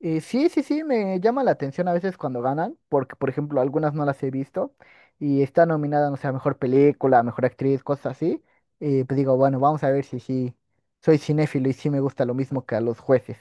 Sí, me llama la atención a veces cuando ganan, porque por ejemplo algunas no las he visto y está nominada, no sé, a mejor película, a mejor actriz, cosas así. Pues digo, bueno, vamos a ver si sí soy cinéfilo y sí me gusta lo mismo que a los jueces.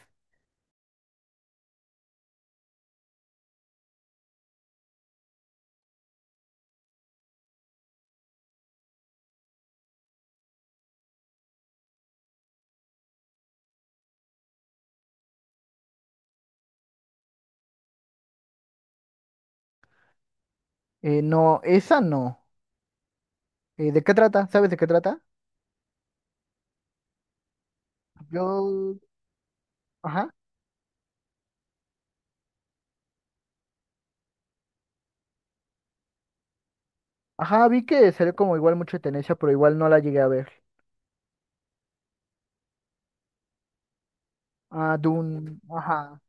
No, esa no. ¿De qué trata? ¿Sabes de qué trata? Yo, ajá, ajá, vi que salió como igual mucho de tendencia, pero igual no la llegué a ver. Ah, Dune, ajá.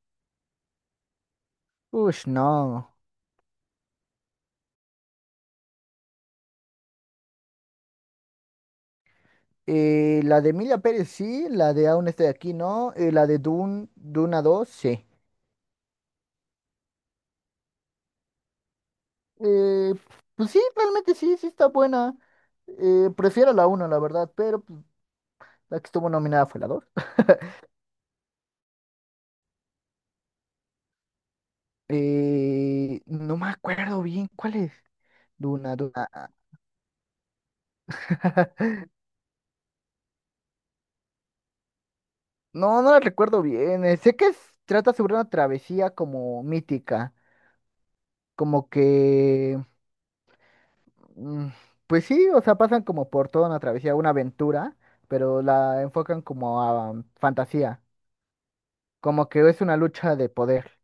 Ush, no. La de Emilia Pérez sí, la de Aún estoy aquí no, la de Dune, Duna dos sí. Eh, pues sí, realmente sí, sí está buena. Prefiero la uno la verdad, pero pues, la que estuvo nominada fue la dos. No me acuerdo bien cuál es. Duna, Duna. No, no la recuerdo bien. Sé que trata sobre una travesía como mítica, como que. Mm. Pues sí, o sea, pasan como por toda una travesía, una aventura, pero la enfocan como a fantasía, como que es una lucha de poder,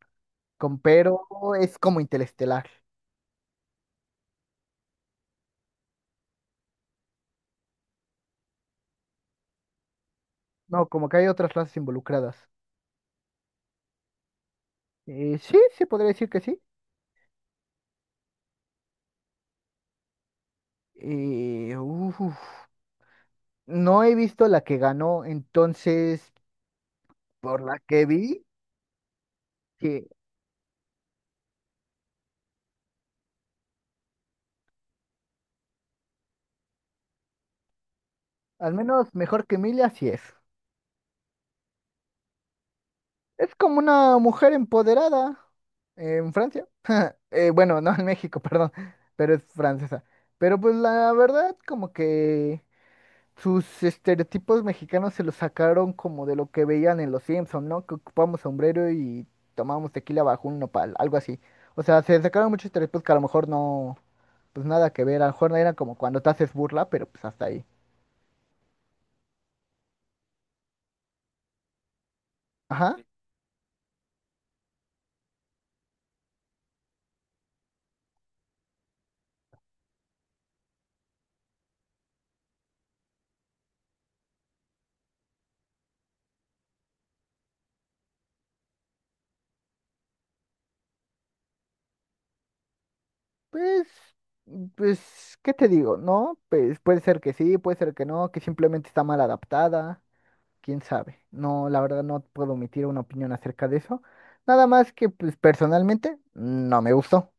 con, pero es como interestelar, no, como que hay otras razas involucradas. Sí, sí, podría decir que sí. Eh, uf, no he visto la que ganó, entonces, por la que vi, sí, al menos mejor que Emilia sí es. Es como una mujer empoderada en Francia. Bueno, no en México, perdón, pero es francesa. Pero pues la verdad, como que sus estereotipos mexicanos se los sacaron como de lo que veían en los Simpson, ¿no? Que ocupamos sombrero y tomábamos tequila bajo un nopal, algo así. O sea, se sacaron muchos estereotipos que a lo mejor no, pues nada que ver, a lo mejor no era como cuando te haces burla, pero pues hasta ahí. Ajá, pues, pues, ¿qué te digo? ¿No? Pues puede ser que sí, puede ser que no, que simplemente está mal adaptada. Quién sabe. No, la verdad no puedo emitir una opinión acerca de eso. Nada más que, pues, personalmente, no me gustó.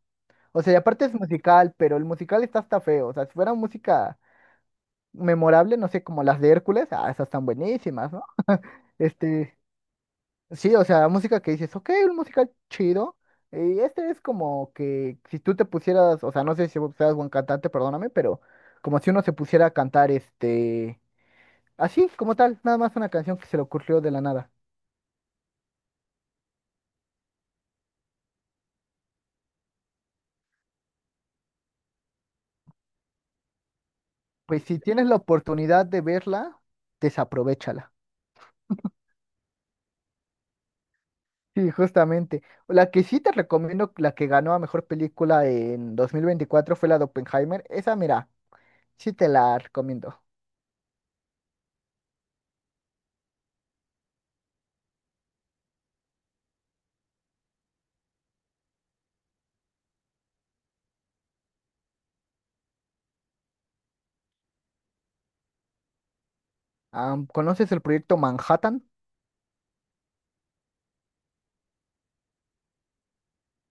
O sea, y aparte es musical, pero el musical está hasta feo. O sea, si fuera música memorable, no sé, como las de Hércules, ah, esas están buenísimas, ¿no? Este, sí, o sea, música que dices, ok, un musical chido. Y este es como que si tú te pusieras, o sea, no sé si vos seas buen cantante, perdóname, pero como si uno se pusiera a cantar, así, como tal, nada más una canción que se le ocurrió de la nada. Pues si tienes la oportunidad de verla, desaprovechala. Sí, justamente. La que sí te recomiendo, la que ganó a mejor película en 2024 fue la de Oppenheimer. Esa, mira, sí te la recomiendo. ¿Conoces el proyecto Manhattan?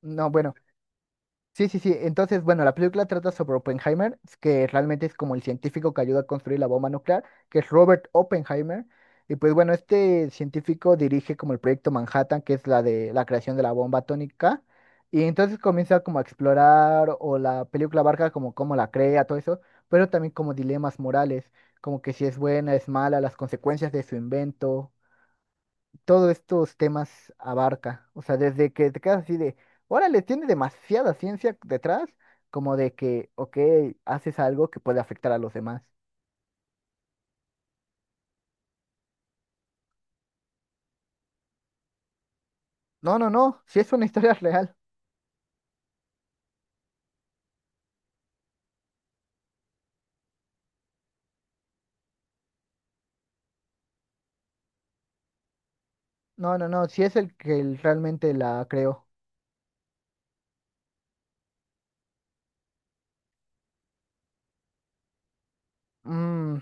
No, bueno, sí, sí, sí. Entonces, bueno, la película trata sobre Oppenheimer, que realmente es como el científico que ayuda a construir la bomba nuclear, que es Robert Oppenheimer. Y pues bueno, este científico dirige como el proyecto Manhattan, que es la de la creación de la bomba atómica. Y entonces comienza como a explorar, o la película abarca como cómo la crea, todo eso, pero también como dilemas morales, como que si es buena, es mala, las consecuencias de su invento, todos estos temas abarca. O sea, desde que te quedas así de, órale, tiene demasiada ciencia detrás, como de que, ok, haces algo que puede afectar a los demás. No, no, no, si es una historia real. No, no, no, si es el que realmente la creó. Mm,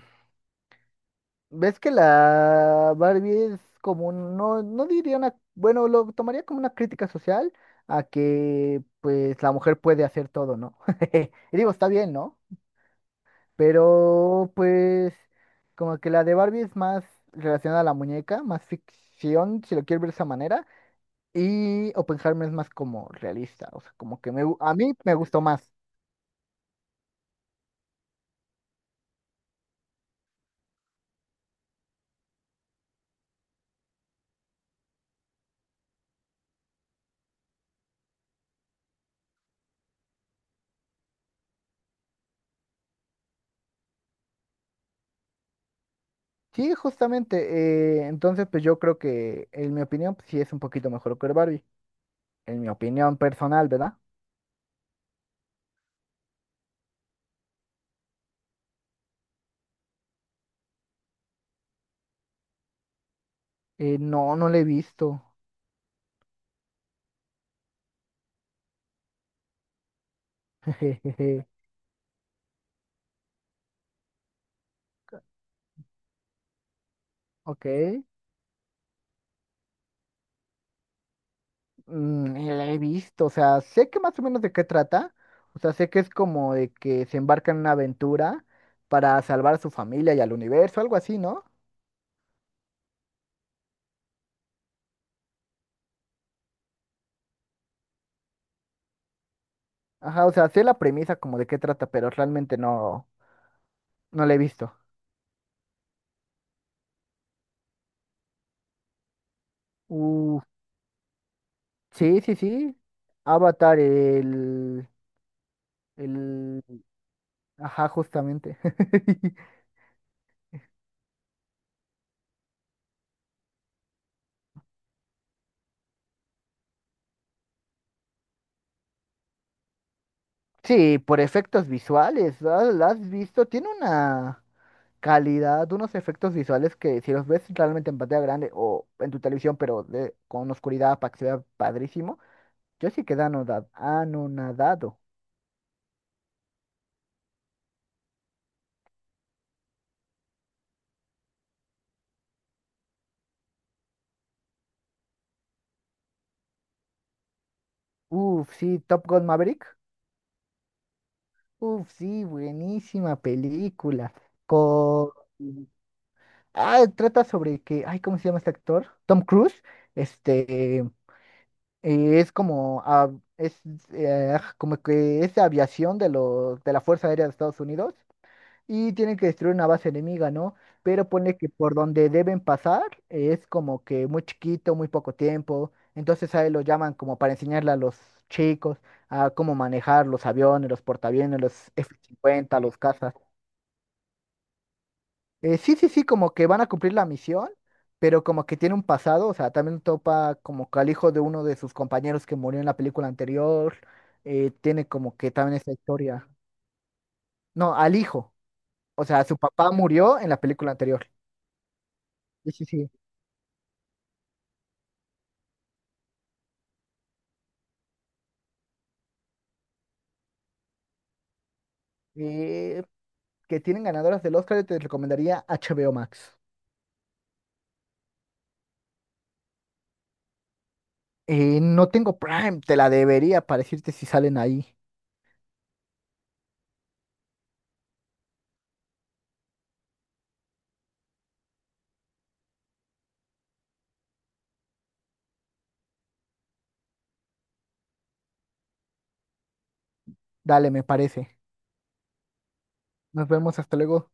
¿ves que la Barbie es como, no, no diría una, bueno, lo tomaría como una crítica social a que, pues, la mujer puede hacer todo, ¿no? Y digo, está bien, ¿no? Pero pues como que la de Barbie es más relacionada a la muñeca, más ficción, si lo quieres ver de esa manera. Y Oppenheimer es más como realista, o sea, como que a mí me gustó más. Sí, justamente. Entonces pues yo creo que en mi opinión pues, sí es un poquito mejor que Barbie. En mi opinión personal, ¿verdad? No, no la he visto. Ok. Mm, la he visto, o sea, sé que más o menos de qué trata, o sea, sé que es como de que se embarcan en una aventura para salvar a su familia y al universo, algo así, ¿no? Ajá, o sea, sé la premisa como de qué trata, pero realmente no, no la he visto. Uh, sí, sí, sí, Avatar, el, ajá, justamente. Sí, por efectos visuales, ¿la has visto? Tiene una calidad, unos efectos visuales que si los ves realmente en pantalla grande o en tu televisión, pero con oscuridad para que se vea padrísimo, yo sí quedé anonadado. Uf, sí, Top Gun Maverick. Uf, sí, buenísima película. Con... Ah, trata sobre que, ay, ¿cómo se llama este actor? Tom Cruise. Este, eh, es como, ah, es como que es de aviación de, los de la Fuerza Aérea de Estados Unidos y tienen que destruir una base enemiga, ¿no? Pero pone que por donde deben pasar es como que muy chiquito, muy poco tiempo. Entonces ahí lo llaman como para enseñarle a los chicos a cómo manejar los aviones, los portaaviones, los F-50, los cazas. Sí, sí, sí, como que van a cumplir la misión, pero como que tiene un pasado, o sea, también topa como que al hijo de uno de sus compañeros que murió en la película anterior, tiene como que también esa historia. No, al hijo, o sea, su papá murió en la película anterior. Sí, sí, sí. eh, que tienen ganadoras del Oscar, yo te recomendaría HBO Max. No tengo Prime, te la debería para decirte si salen ahí. Dale, me parece. Nos vemos, hasta luego.